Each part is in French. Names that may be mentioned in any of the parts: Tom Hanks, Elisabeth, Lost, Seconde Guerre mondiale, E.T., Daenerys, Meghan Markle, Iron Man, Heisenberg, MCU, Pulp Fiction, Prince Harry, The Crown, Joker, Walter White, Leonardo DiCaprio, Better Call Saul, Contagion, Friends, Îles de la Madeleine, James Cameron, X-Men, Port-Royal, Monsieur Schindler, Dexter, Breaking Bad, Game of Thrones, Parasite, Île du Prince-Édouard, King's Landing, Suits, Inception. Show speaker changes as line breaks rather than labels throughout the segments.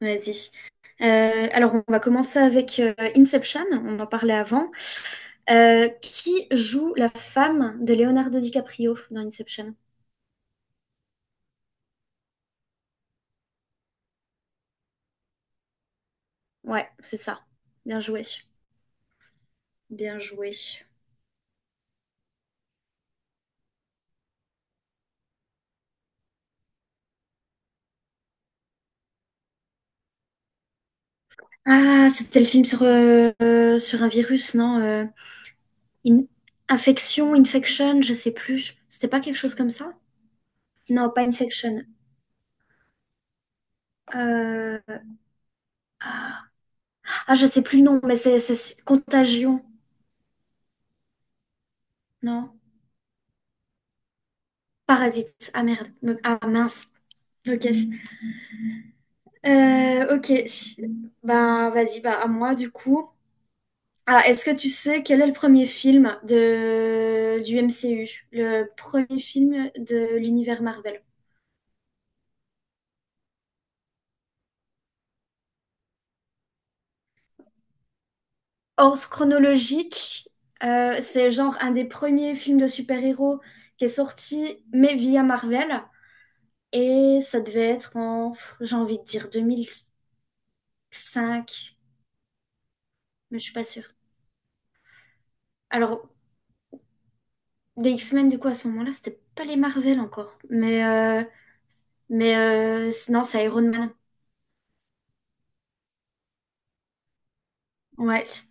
Vas-y. Alors, on va commencer avec Inception, on en parlait avant. Qui joue la femme de Leonardo DiCaprio dans Inception? Ouais, c'est ça. Bien joué. Bien joué. Ah, c'était le film sur, sur un virus, non? In- Infection, je sais plus. C'était pas quelque chose comme ça? Non, pas infection. Euh, Ah, ah, je sais plus le nom, mais contagion, non? Parasite. Ah merde. Ah mince. Ok. Ok, ben vas-y, bah à moi du coup. Ah, est-ce que tu sais quel est le premier film de... du MCU? Le premier film de l'univers Marvel. Hors chronologique, c'est genre un des premiers films de super-héros qui est sorti, mais via Marvel. Et ça devait être en, j'ai envie de dire, 2005, mais je suis pas sûre. Alors, Les X-Men, du coup, à ce moment-là, c'était pas les Marvel encore. Mais non, c'est Iron Man. Ouais.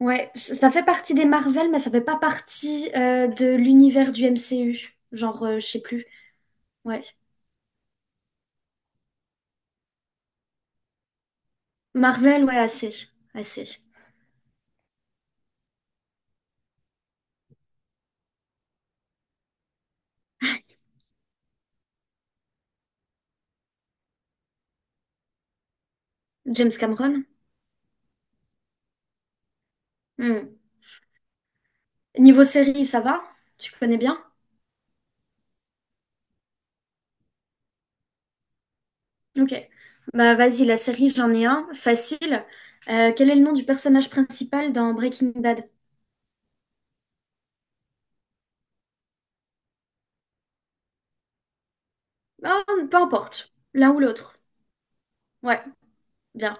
Ouais, ça fait partie des Marvel, mais ça fait pas partie de l'univers du MCU. Genre, je sais plus. Ouais. Marvel, ouais, assez. Assez. James Cameron. Hmm. Niveau série, ça va? Tu connais bien? Ok. Bah, vas-y, la série, j'en ai un. Facile. Quel est le nom du personnage principal dans Breaking Bad? Ah, peu importe. L'un ou l'autre. Ouais, bien.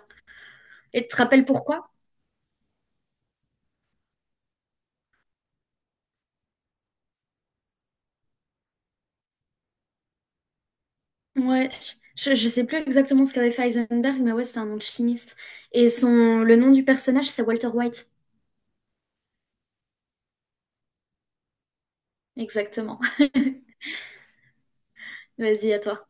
Et tu te rappelles pourquoi? Ouais, je sais plus exactement ce qu'avait fait Heisenberg, mais ouais, c'est un nom de chimiste. Et son, le nom du personnage, c'est Walter White. Exactement. Vas-y, à toi.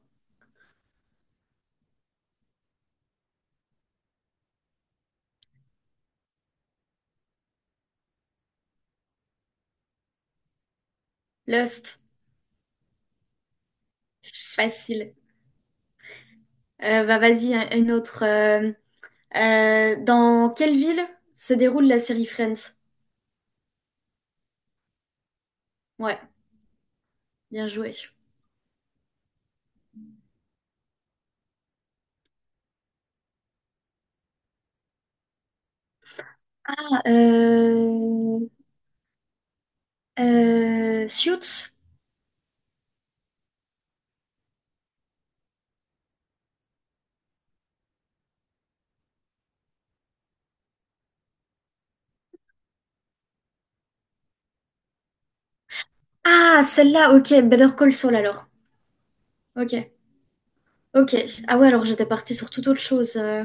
Lost, facile. Bah vas-y, une autre. Dans quelle ville se déroule la série Friends? Ouais, bien joué. Ah, euh, Suits? Ah, celle-là, ok. Better Call Saul alors. Ok, ok. Ah ouais, alors j'étais partie sur toute autre chose.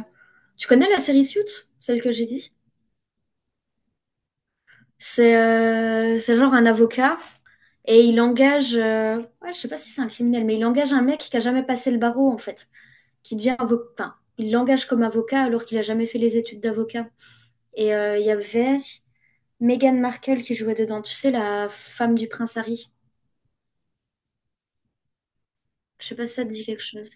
Tu connais la série Suits, celle que j'ai dit? C'est genre un avocat et il engage, ouais, je sais pas si c'est un criminel, mais il engage un mec qui a jamais passé le barreau en fait, qui devient avocat. Enfin, il l'engage comme avocat alors qu'il a jamais fait les études d'avocat. Et il y avait Meghan Markle qui jouait dedans, tu sais, la femme du prince Harry. Je sais pas si ça te dit quelque chose.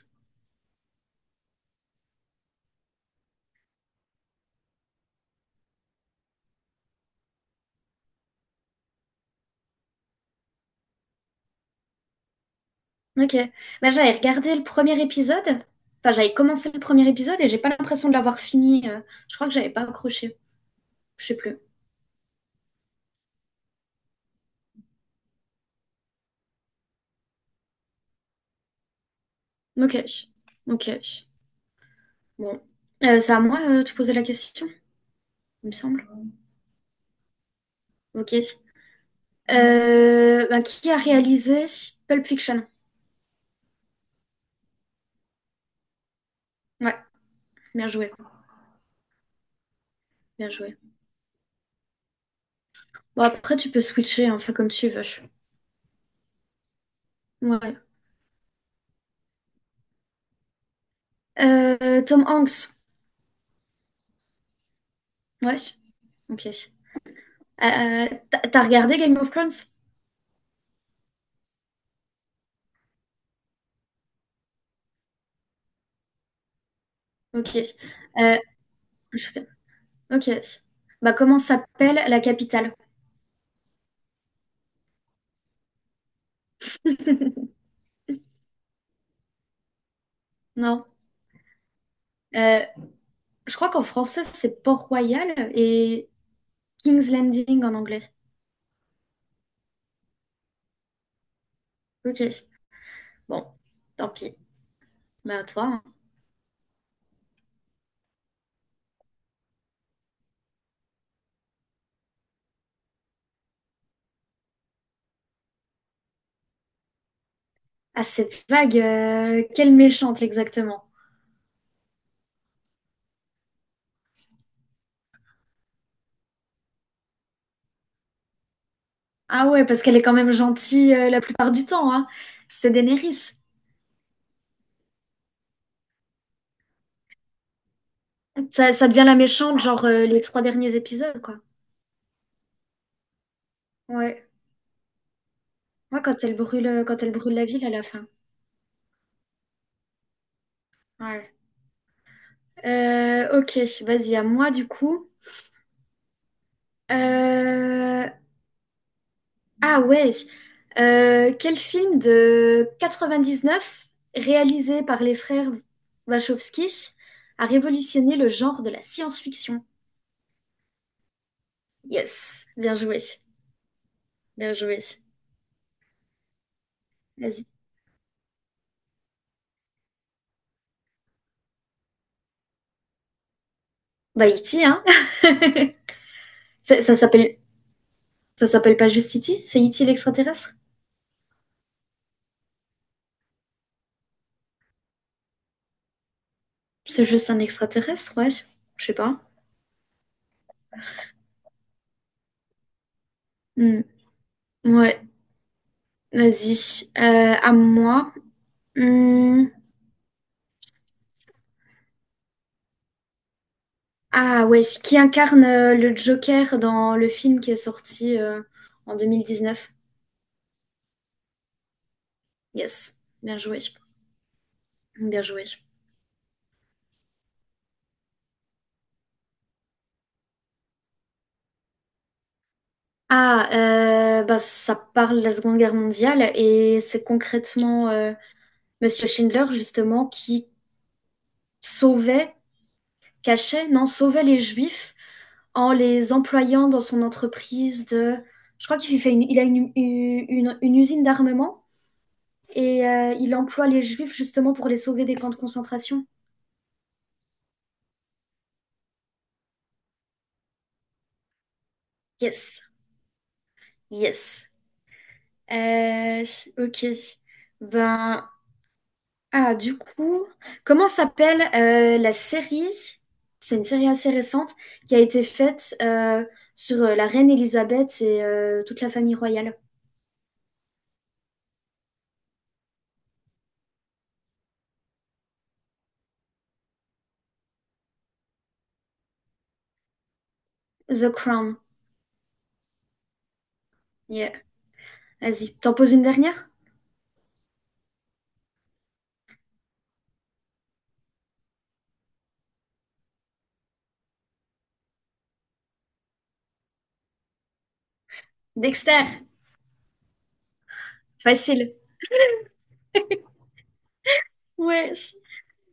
Ok. Bah, j'avais regardé le premier épisode, enfin j'avais commencé le premier épisode et j'ai pas l'impression de l'avoir fini. Je crois que j'avais pas accroché, je sais plus. Ok, ok. Bon. C'est à moi de te poser la question, il me semble. Ok. Bah, qui a réalisé Pulp Fiction? Ouais, bien joué, bien joué. Bon, après, tu peux switcher, hein, fais comme tu veux. Ouais. Tom Hanks. Ouais, ok. T'as regardé Game of Thrones? Ok. Euh, je fais- Ok. Bah, comment s'appelle la capitale? Non. Euh, je crois qu'en français, c'est Port-Royal et King's Landing en anglais. Ok. Bon, tant pis. Mais à toi, hein. Ah, cette vague, quelle méchante exactement. Ah ouais, parce qu'elle est quand même gentille la plupart du temps, hein. C'est Daenerys. Ça devient la méchante, genre les trois derniers épisodes, quoi. Ouais. Moi, quand elle brûle la ville à la fin. Ouais. Ok, vas-y, à moi du coup. Euh, Ah ouais. Quel film de 99 réalisé par les frères Wachowski a révolutionné le genre de la science-fiction? Yes, bien joué, bien joué. Vas-y. Bah E.T., hein? Ça, ça s'appelle pas juste E.T., c'est E.T. l'extraterrestre? C'est juste un extraterrestre, ouais. Je sais pas. Hmm. Ouais, vas-y. À moi. Hmm. Ah ouais, qui incarne le Joker dans le film qui est sorti en 2019. Yes, bien joué, bien joué. Bah, ça parle de la Seconde Guerre mondiale et c'est concrètement Monsieur Schindler justement qui sauvait, cachait, non, sauvait les Juifs en les employant dans son entreprise de... Je crois qu'il fait il a une usine d'armement et il emploie les Juifs justement pour les sauver des camps de concentration. Yes, yes. Euh, ok. Ben, ah, du coup, comment s'appelle la série? C'est une série assez récente qui a été faite sur la reine Elisabeth et toute la famille royale. The Crown. Yeah. Vas-y. T'en poses une dernière? Dexter. Facile. Ouais.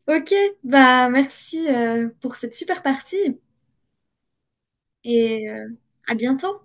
Ok. Bah, merci pour cette super partie et à bientôt.